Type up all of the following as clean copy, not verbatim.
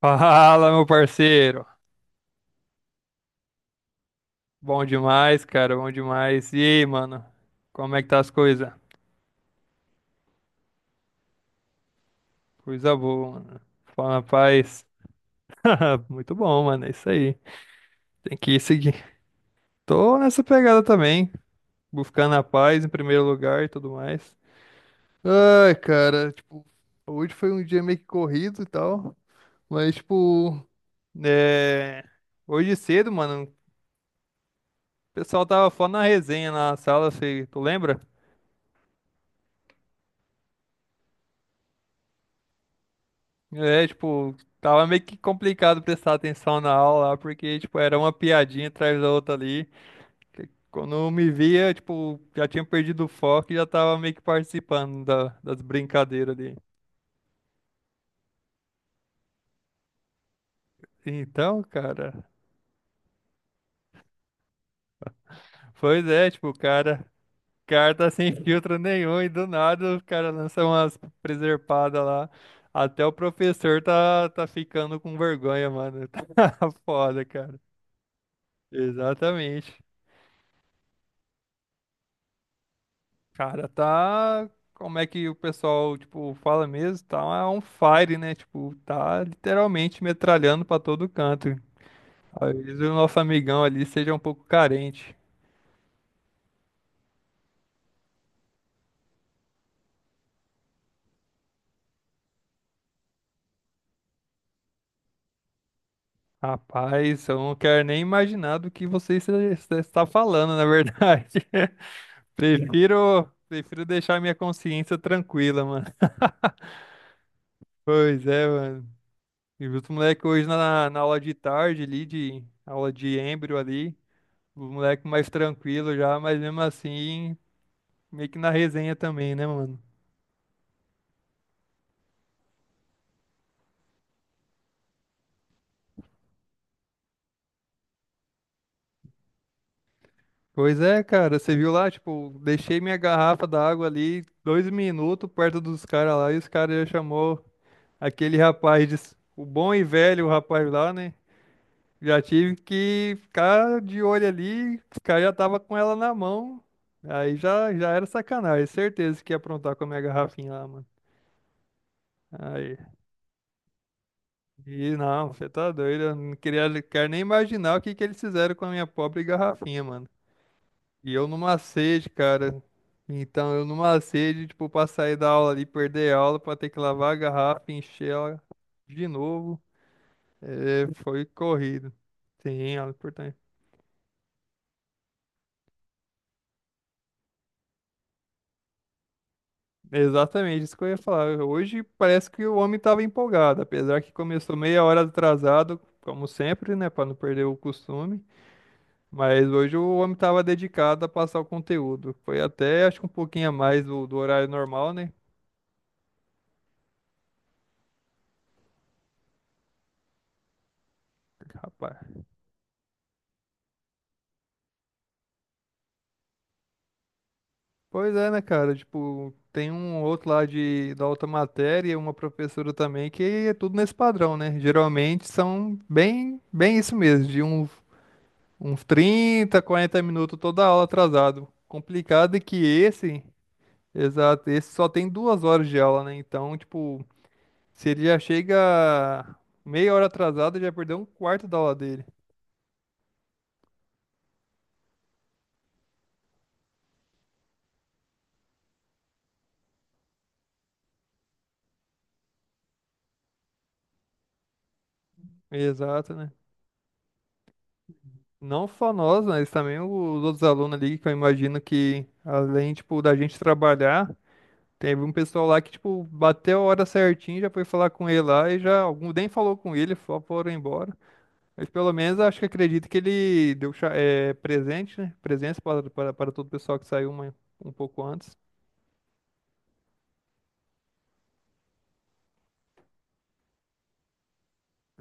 Fala, meu parceiro. Bom demais, cara, bom demais. E aí, mano? Como é que tá as coisas? Coisa boa, mano. Fala na paz. Muito bom, mano. É isso aí. Tem que seguir. Tô nessa pegada também, buscando a paz em primeiro lugar e tudo mais. Ai, cara, tipo, hoje foi um dia meio que corrido e tal, mas, tipo, é... hoje cedo, mano, o pessoal tava falando na resenha na sala, se tu lembra? É, tipo, tava meio que complicado prestar atenção na aula lá, porque, tipo, era uma piadinha atrás da outra ali. Que Quando eu me via, tipo, já tinha perdido o foco e já tava meio que participando das brincadeiras ali. Então, cara, pois é, tipo, o cara tá sem filtro nenhum e do nada o cara lança umas preservadas lá. Até o professor tá ficando com vergonha, mano. Tá foda, cara. Exatamente. Cara, tá. Como é que o pessoal, tipo, fala mesmo? Tá on fire, né? Tipo, tá literalmente metralhando pra todo canto. Talvez o nosso amigão ali seja um pouco carente. Rapaz, eu não quero nem imaginar do que você está falando, na verdade. Prefiro deixar minha consciência tranquila, mano. Pois é, mano. E os moleques hoje na aula de tarde ali, de aula de embrio ali. O moleque mais tranquilo já, mas mesmo assim meio que na resenha também, né, mano? Pois é, cara, você viu lá, tipo, deixei minha garrafa d'água ali 2 minutos perto dos caras lá e os caras já chamou aquele rapaz, o bom e velho rapaz lá, né? Já tive que ficar de olho ali, os caras já tava com ela na mão, aí já era sacanagem, certeza que ia aprontar com a minha garrafinha lá, mano. Aí, e não, você tá doido, eu não queria, quero nem imaginar o que que eles fizeram com a minha pobre garrafinha, mano. E eu numa sede, cara. Então, eu numa sede, tipo, pra sair da aula ali, perder a aula, pra ter que lavar a garrafa, encher ela de novo. É, foi corrido. Sim, aula importante. Exatamente, isso que eu ia falar. Hoje parece que o homem estava empolgado, apesar que começou meia hora atrasado, como sempre, né, para não perder o costume. Mas hoje o homem estava dedicado a passar o conteúdo. Foi até, acho que um pouquinho a mais do horário normal, né? Rapaz. Pois é, né, cara? Tipo, tem um outro lá da outra matéria, e uma professora também, que é tudo nesse padrão, né? Geralmente são bem isso mesmo, de uns 30, 40 minutos toda aula atrasado. Complicado é que esse, exato, esse só tem 2 horas de aula, né? Então, tipo, se ele já chega meia hora atrasado, já perdeu um quarto da aula dele. Exato, né? Não só nós, mas também os outros alunos ali, que eu imagino que, além, tipo, da gente trabalhar, teve um pessoal lá que, tipo, bateu a hora certinho, já foi falar com ele lá e já, algum nem falou com ele, só foram embora. Mas pelo menos acho que acredito que ele deu presente, né? Presença para todo o pessoal que saiu um pouco antes.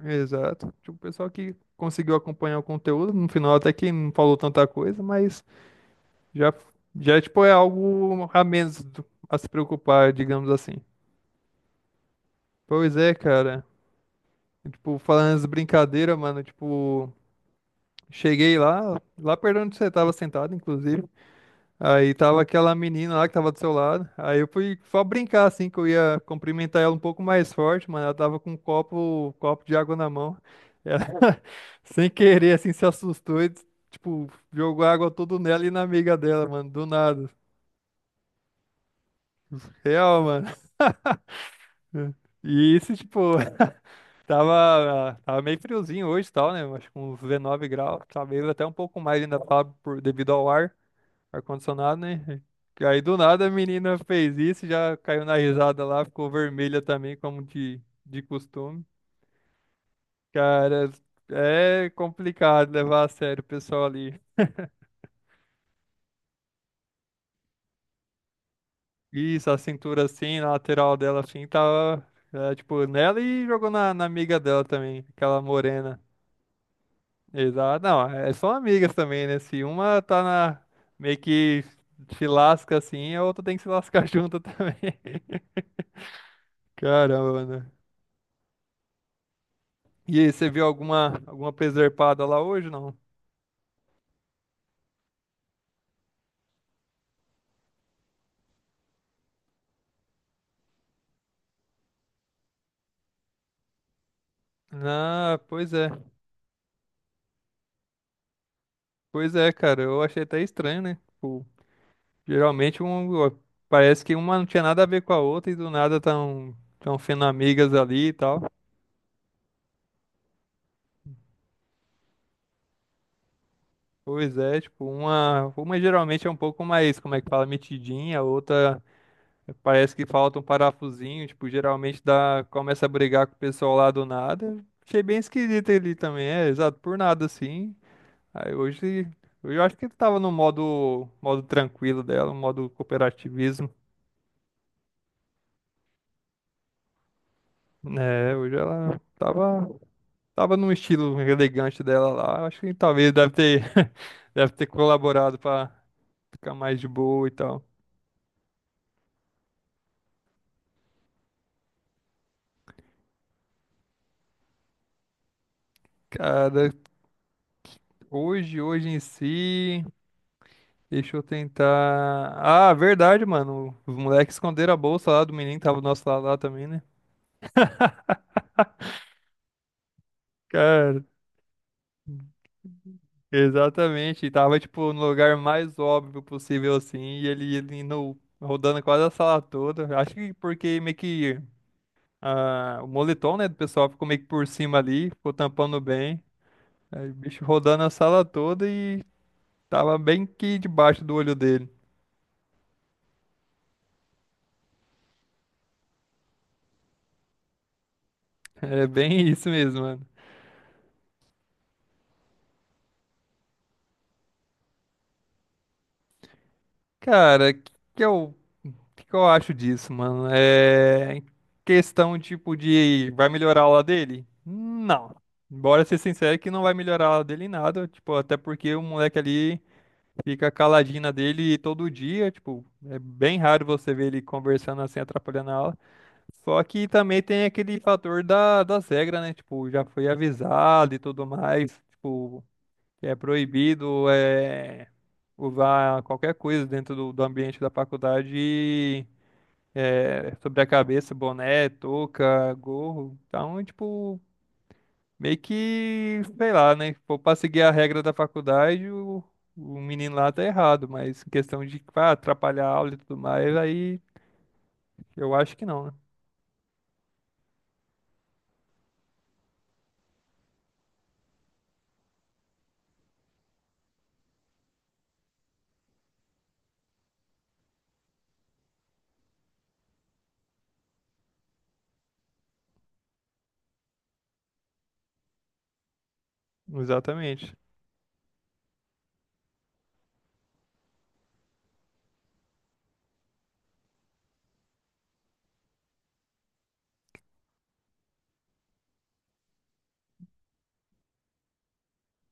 Exato. Tipo, o pessoal que conseguiu acompanhar o conteúdo, no final até que não falou tanta coisa, mas já, já tipo, é algo a menos do- a se preocupar, digamos assim. Pois é, cara. E, tipo, falando as brincadeiras, mano, tipo, cheguei lá perto onde você tava sentado, inclusive. Aí tava aquela menina lá que tava do seu lado. Aí eu fui só brincar, assim, que eu ia cumprimentar ela um pouco mais forte, mano. Ela tava com um copo de água na mão. Ela, sem querer, assim, se assustou e, tipo, jogou água tudo nela e na amiga dela, mano, do nada. Real, mano. E isso, tipo, Tava meio friozinho hoje e tal, né? Acho que uns 19 graus, talvez até um pouco mais ainda tava devido ao ar-condicionado, né? Que aí do nada a menina fez isso, já caiu na risada lá, ficou vermelha também, como de costume. Cara, é complicado levar a sério o pessoal ali. Isso, a cintura assim, na lateral dela assim, tava, é, tipo, nela e jogou na amiga dela também, aquela morena. Exato. Não, é, são amigas também, né? Se uma tá na... meio que se lasca assim, a outra tem que se lascar junto também. Caramba, mano. E aí, você viu alguma preservada lá hoje, não? Ah, pois é. Pois é, cara. Eu achei até estranho, né? Tipo, geralmente um, ó, parece que uma não tinha nada a ver com a outra e do nada tão sendo amigas ali e tal. Pois é, tipo, uma geralmente é um pouco mais, como é que fala, metidinha, a outra. Parece que falta um parafusinho, tipo, geralmente dá, começa a brigar com o pessoal lá do nada. Achei bem esquisito ele também, é, exato, por nada assim. Aí hoje eu acho que ele tava no modo tranquilo dela, no modo cooperativismo, né? Hoje ela tava num estilo elegante dela lá. Acho que talvez deve ter colaborado pra ficar mais de boa e tal. Cara, hoje em si. Deixa eu tentar. Ah, verdade, mano. Os moleques esconderam a bolsa lá do menino que tava do nosso lado lá também, né? Cara, exatamente. E tava, tipo, no lugar mais óbvio possível, assim. E ele indo, rodando quase a sala toda. Acho que porque meio que ah, o moletom, né, do pessoal ficou meio que por cima ali, ficou tampando bem. Aí o bicho rodando a sala toda e tava bem que debaixo do olho dele. É bem isso mesmo, mano. Cara, que é o que que eu acho disso, mano? É questão tipo de vai melhorar a aula dele? Não. Bora ser sincero que não vai melhorar a aula dele em nada, tipo, até porque o moleque ali fica caladinho na dele todo dia, tipo, é bem raro você ver ele conversando assim, atrapalhando a aula. Só que também tem aquele fator das regras, né? Tipo, já foi avisado e tudo mais, tipo, é proibido, é usar qualquer coisa dentro do ambiente da faculdade é, sobre a cabeça, boné, touca, gorro. Então, tipo, meio que, sei lá, né? Se for pra seguir a regra da faculdade, o menino lá tá errado, mas em questão de tipo, ah, atrapalhar a aula e tudo mais, aí eu acho que não, né? Exatamente.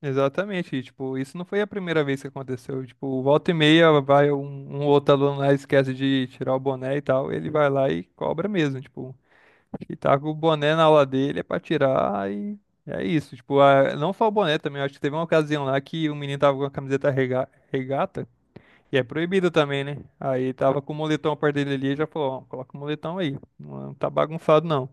Exatamente, e, tipo, isso não foi a primeira vez que aconteceu. Tipo, volta e meia vai um outro aluno lá e esquece de tirar o boné e tal, ele vai lá e cobra mesmo, tipo. Que tá com o boné na aula dele é pra tirar e é isso. Tipo, a- não só o boné também, eu acho que teve uma ocasião lá que o menino tava com a camiseta regata, e é proibido também, né? Aí tava com o moletom perto dele ali e já falou, ó, coloca o moletom aí, não tá bagunçado não.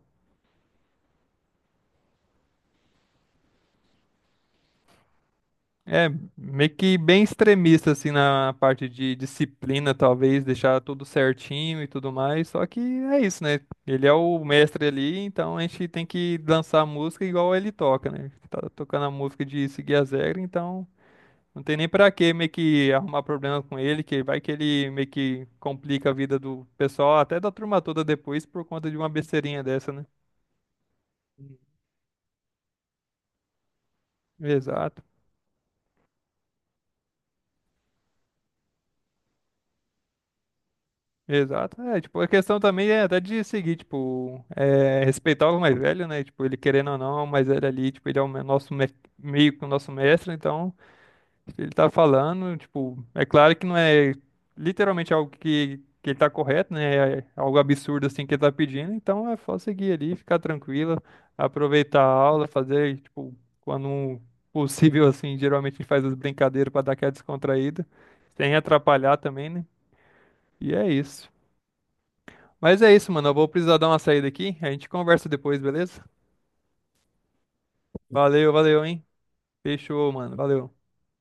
É, meio que bem extremista, assim, na parte de disciplina, talvez, deixar tudo certinho e tudo mais. Só que é isso, né? Ele é o mestre ali, então a gente tem que dançar a música igual ele toca, né? Tá tocando a música de seguir as regras, então não tem nem pra que meio que arrumar problema com ele, que vai que ele meio que complica a vida do pessoal, até da turma toda depois, por conta de uma besteirinha dessa, né? Exato. Exato. É, tipo, a questão também é até de seguir, tipo, é, respeitar o mais velho, né? Tipo, ele querendo ou não, o mais velho ali, tipo, ele é o me- nosso me- meio que o nosso mestre, então, se ele tá falando, tipo, é claro que não é literalmente algo que ele tá correto, né? É algo absurdo assim que ele tá pedindo, então é só seguir ali, ficar tranquilo, aproveitar a aula, fazer, tipo, quando um possível, assim, geralmente a gente faz as brincadeiras pra dar aquela descontraída, sem atrapalhar também, né? E é isso. Mas é isso, mano. Eu vou precisar dar uma saída aqui. A gente conversa depois, beleza? Valeu, valeu, hein? Fechou, mano. Valeu.